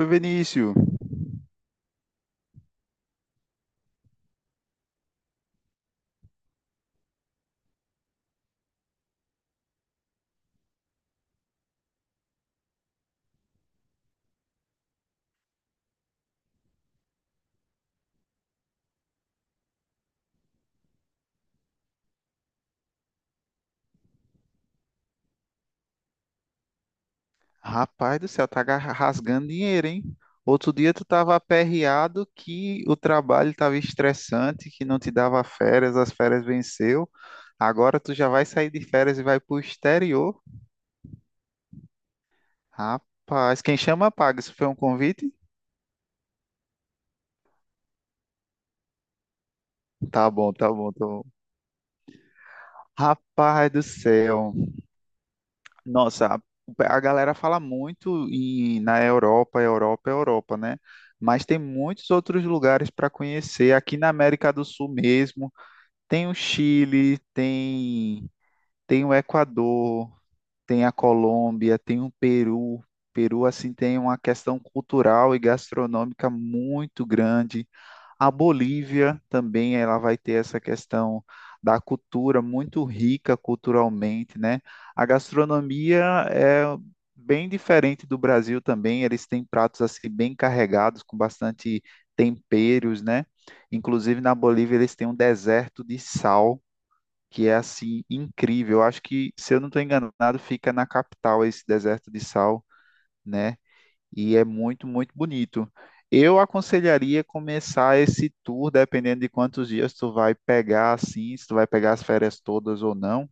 Oi, Vinícius. Rapaz do céu, rasgando dinheiro, hein? Outro dia tu tava aperreado que o trabalho tava estressante, que não te dava férias, as férias venceu. Agora tu já vai sair de férias e vai pro exterior. Rapaz, quem chama paga. Isso foi um convite? Tá bom, tá bom, tá bom. Rapaz do céu. Nossa, a galera fala muito na Europa, Europa, Europa, né? Mas tem muitos outros lugares para conhecer aqui na América do Sul mesmo. Tem o Chile, tem o Equador, tem a Colômbia, tem o Peru. Peru, assim, tem uma questão cultural e gastronômica muito grande. A Bolívia também, ela vai ter essa questão da cultura muito rica culturalmente, né? A gastronomia é bem diferente do Brasil também. Eles têm pratos, assim, bem carregados, com bastante temperos, né? Inclusive, na Bolívia, eles têm um deserto de sal que é assim incrível. Eu acho que, se eu não estou enganado, fica na capital esse deserto de sal, né? E é muito, muito bonito. Eu aconselharia começar esse tour, dependendo de quantos dias tu vai pegar, assim, se tu vai pegar as férias todas ou não.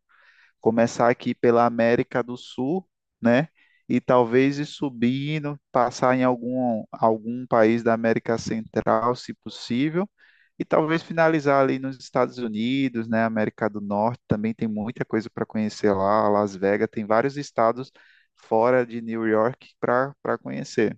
Começar aqui pela América do Sul, né? E talvez ir subindo, passar em algum país da América Central, se possível e talvez finalizar ali nos Estados Unidos, né? América do Norte também tem muita coisa para conhecer lá. Las Vegas tem vários estados fora de New York para para conhecer,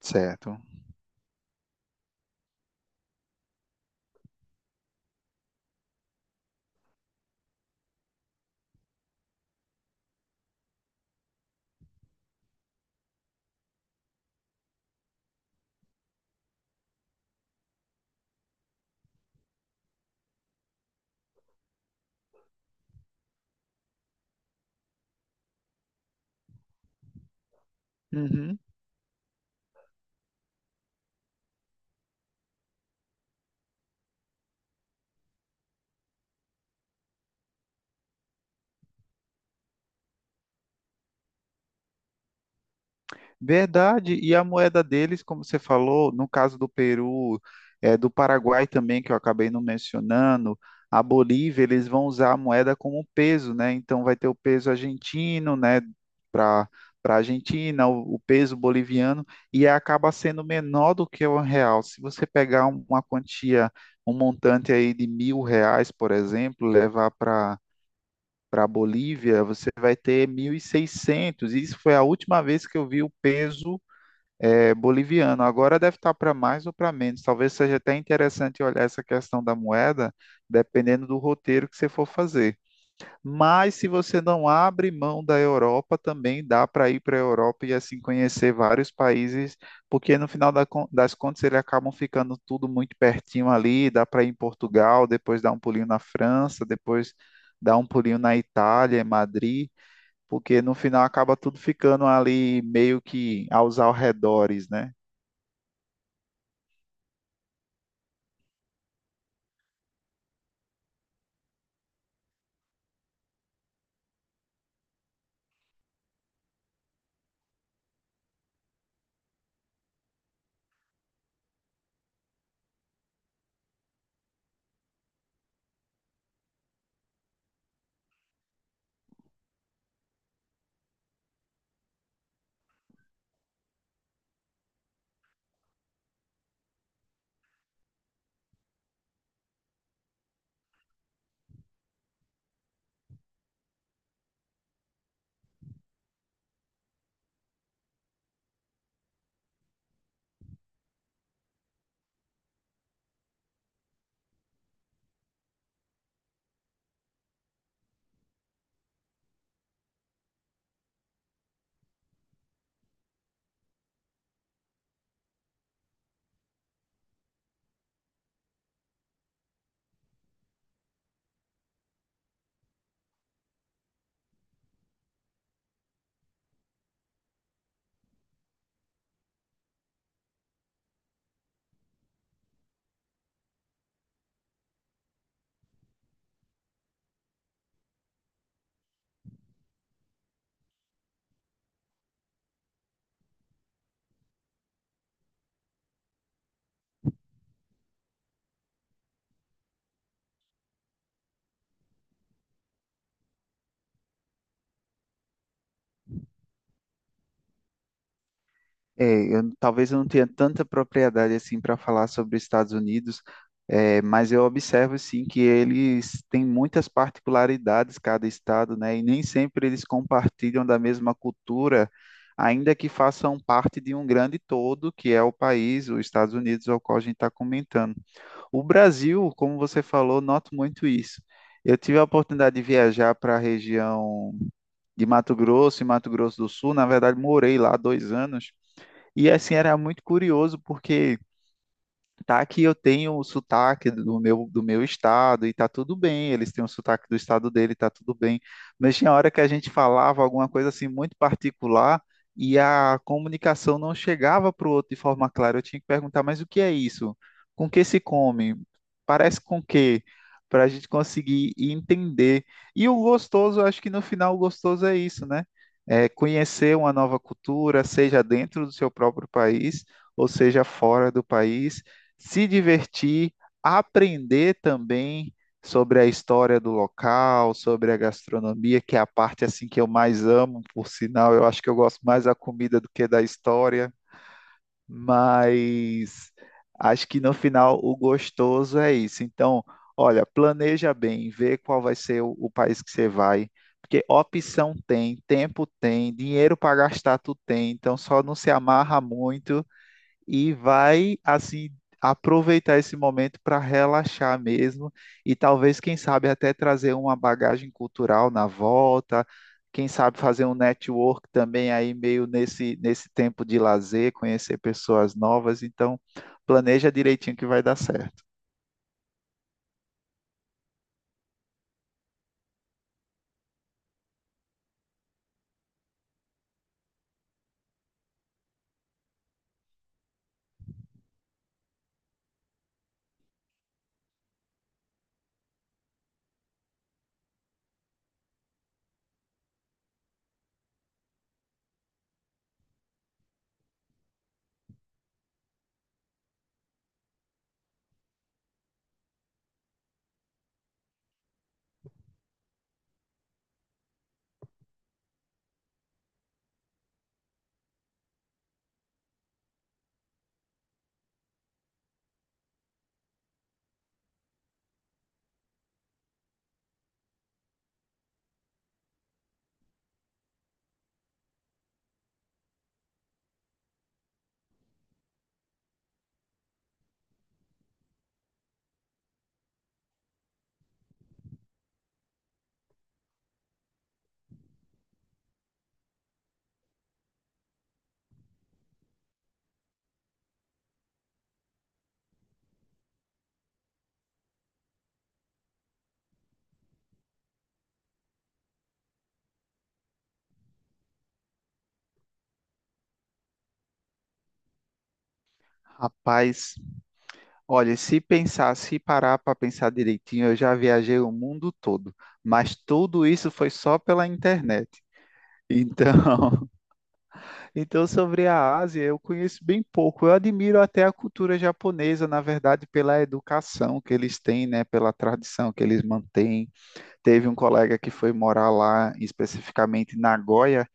certo? Uhum. Verdade. E a moeda deles, como você falou, no caso do Peru, do Paraguai também, que eu acabei não mencionando, a Bolívia, eles vão usar a moeda como peso, né? Então vai ter o peso argentino, né, para para Argentina, o peso boliviano, e acaba sendo menor do que o real. Se você pegar uma quantia, um montante aí de R$ 1.000, por exemplo, levar para a Bolívia, você vai ter 1.600. Isso foi a última vez que eu vi o peso boliviano. Agora deve estar para mais ou para menos. Talvez seja até interessante olhar essa questão da moeda, dependendo do roteiro que você for fazer. Mas se você não abre mão da Europa, também dá para ir para a Europa e assim conhecer vários países, porque no final das contas eles acabam ficando tudo muito pertinho ali. Dá para ir em Portugal, depois dar um pulinho na França, depois dar um pulinho na Itália, em Madrid. Porque no final acaba tudo ficando ali meio que aos arredores, né? É, talvez eu não tenha tanta propriedade assim para falar sobre os Estados Unidos, é, mas eu observo sim que eles têm muitas particularidades cada estado, né? E nem sempre eles compartilham da mesma cultura, ainda que façam parte de um grande todo, que é o país, os Estados Unidos, ao qual a gente está comentando. O Brasil, como você falou, noto muito isso. Eu tive a oportunidade de viajar para a região de Mato Grosso e Mato Grosso do Sul. Na verdade, morei lá 2 anos. E assim era muito curioso porque tá que eu tenho o sotaque do meu estado e tá tudo bem, eles têm o sotaque do estado dele, tá tudo bem. Mas tinha hora que a gente falava alguma coisa assim muito particular e a comunicação não chegava para o outro de forma clara. Eu tinha que perguntar, mas o que é isso? Com que se come? Parece com que? Para a gente conseguir entender. E o gostoso, eu acho que no final o gostoso é isso, né? É conhecer uma nova cultura, seja dentro do seu próprio país ou seja fora do país, se divertir, aprender também sobre a história do local, sobre a gastronomia, que é a parte assim que eu mais amo, por sinal, eu acho que eu gosto mais da comida do que da história, mas acho que no final o gostoso é isso. Então, olha, planeja bem, vê qual vai ser o país que você vai, porque opção tem, tempo tem, dinheiro para gastar tu tem, então só não se amarra muito e vai assim aproveitar esse momento para relaxar mesmo e talvez, quem sabe, até trazer uma bagagem cultural na volta, quem sabe fazer um network também aí meio nesse tempo de lazer, conhecer pessoas novas, então planeja direitinho que vai dar certo. Rapaz, olha, se pensar, se parar para pensar direitinho, eu já viajei o mundo todo, mas tudo isso foi só pela internet. Então, então, sobre a Ásia, eu conheço bem pouco. Eu admiro até a cultura japonesa, na verdade, pela educação que eles têm, né, pela tradição que eles mantêm. Teve um colega que foi morar lá, especificamente em Nagoya,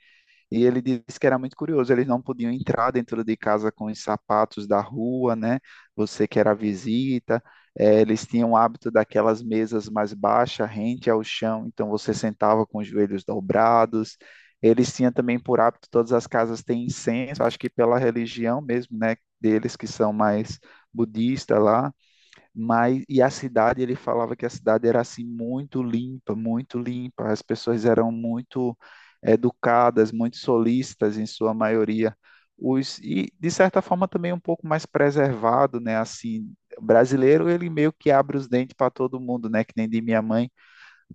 e ele disse que era muito curioso, eles não podiam entrar dentro de casa com os sapatos da rua, né? Você que era visita, eles tinham o hábito daquelas mesas mais baixas, rente ao chão, então você sentava com os joelhos dobrados. Eles tinham também por hábito, todas as casas têm incenso, acho que pela religião mesmo, né? Deles que são mais budistas lá, mas e a cidade, ele falava que a cidade era assim muito limpa, as pessoas eram muito educadas, muito solistas em sua maioria. Os, e de certa forma também um pouco mais preservado, né? Assim, o brasileiro ele meio que abre os dentes para todo mundo, né? Que nem de minha mãe,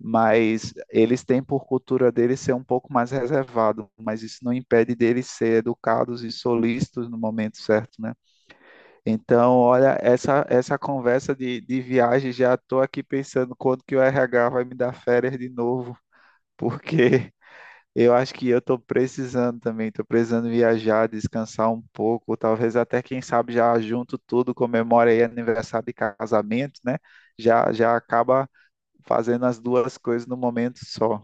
mas eles têm por cultura deles ser um pouco mais reservado, mas isso não impede deles ser educados e solistas no momento certo, né? Então, olha, essa conversa de viagem, já estou aqui pensando quando que o RH vai me dar férias de novo, porque eu acho que eu estou precisando também, estou precisando viajar, descansar um pouco, talvez até, quem sabe, já junto tudo, comemora aí aniversário de casamento, né? Já, já acaba fazendo as duas coisas no momento só.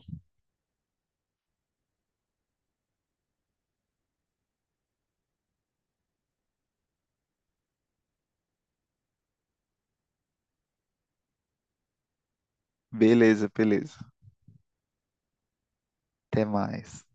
Beleza, beleza. Até mais.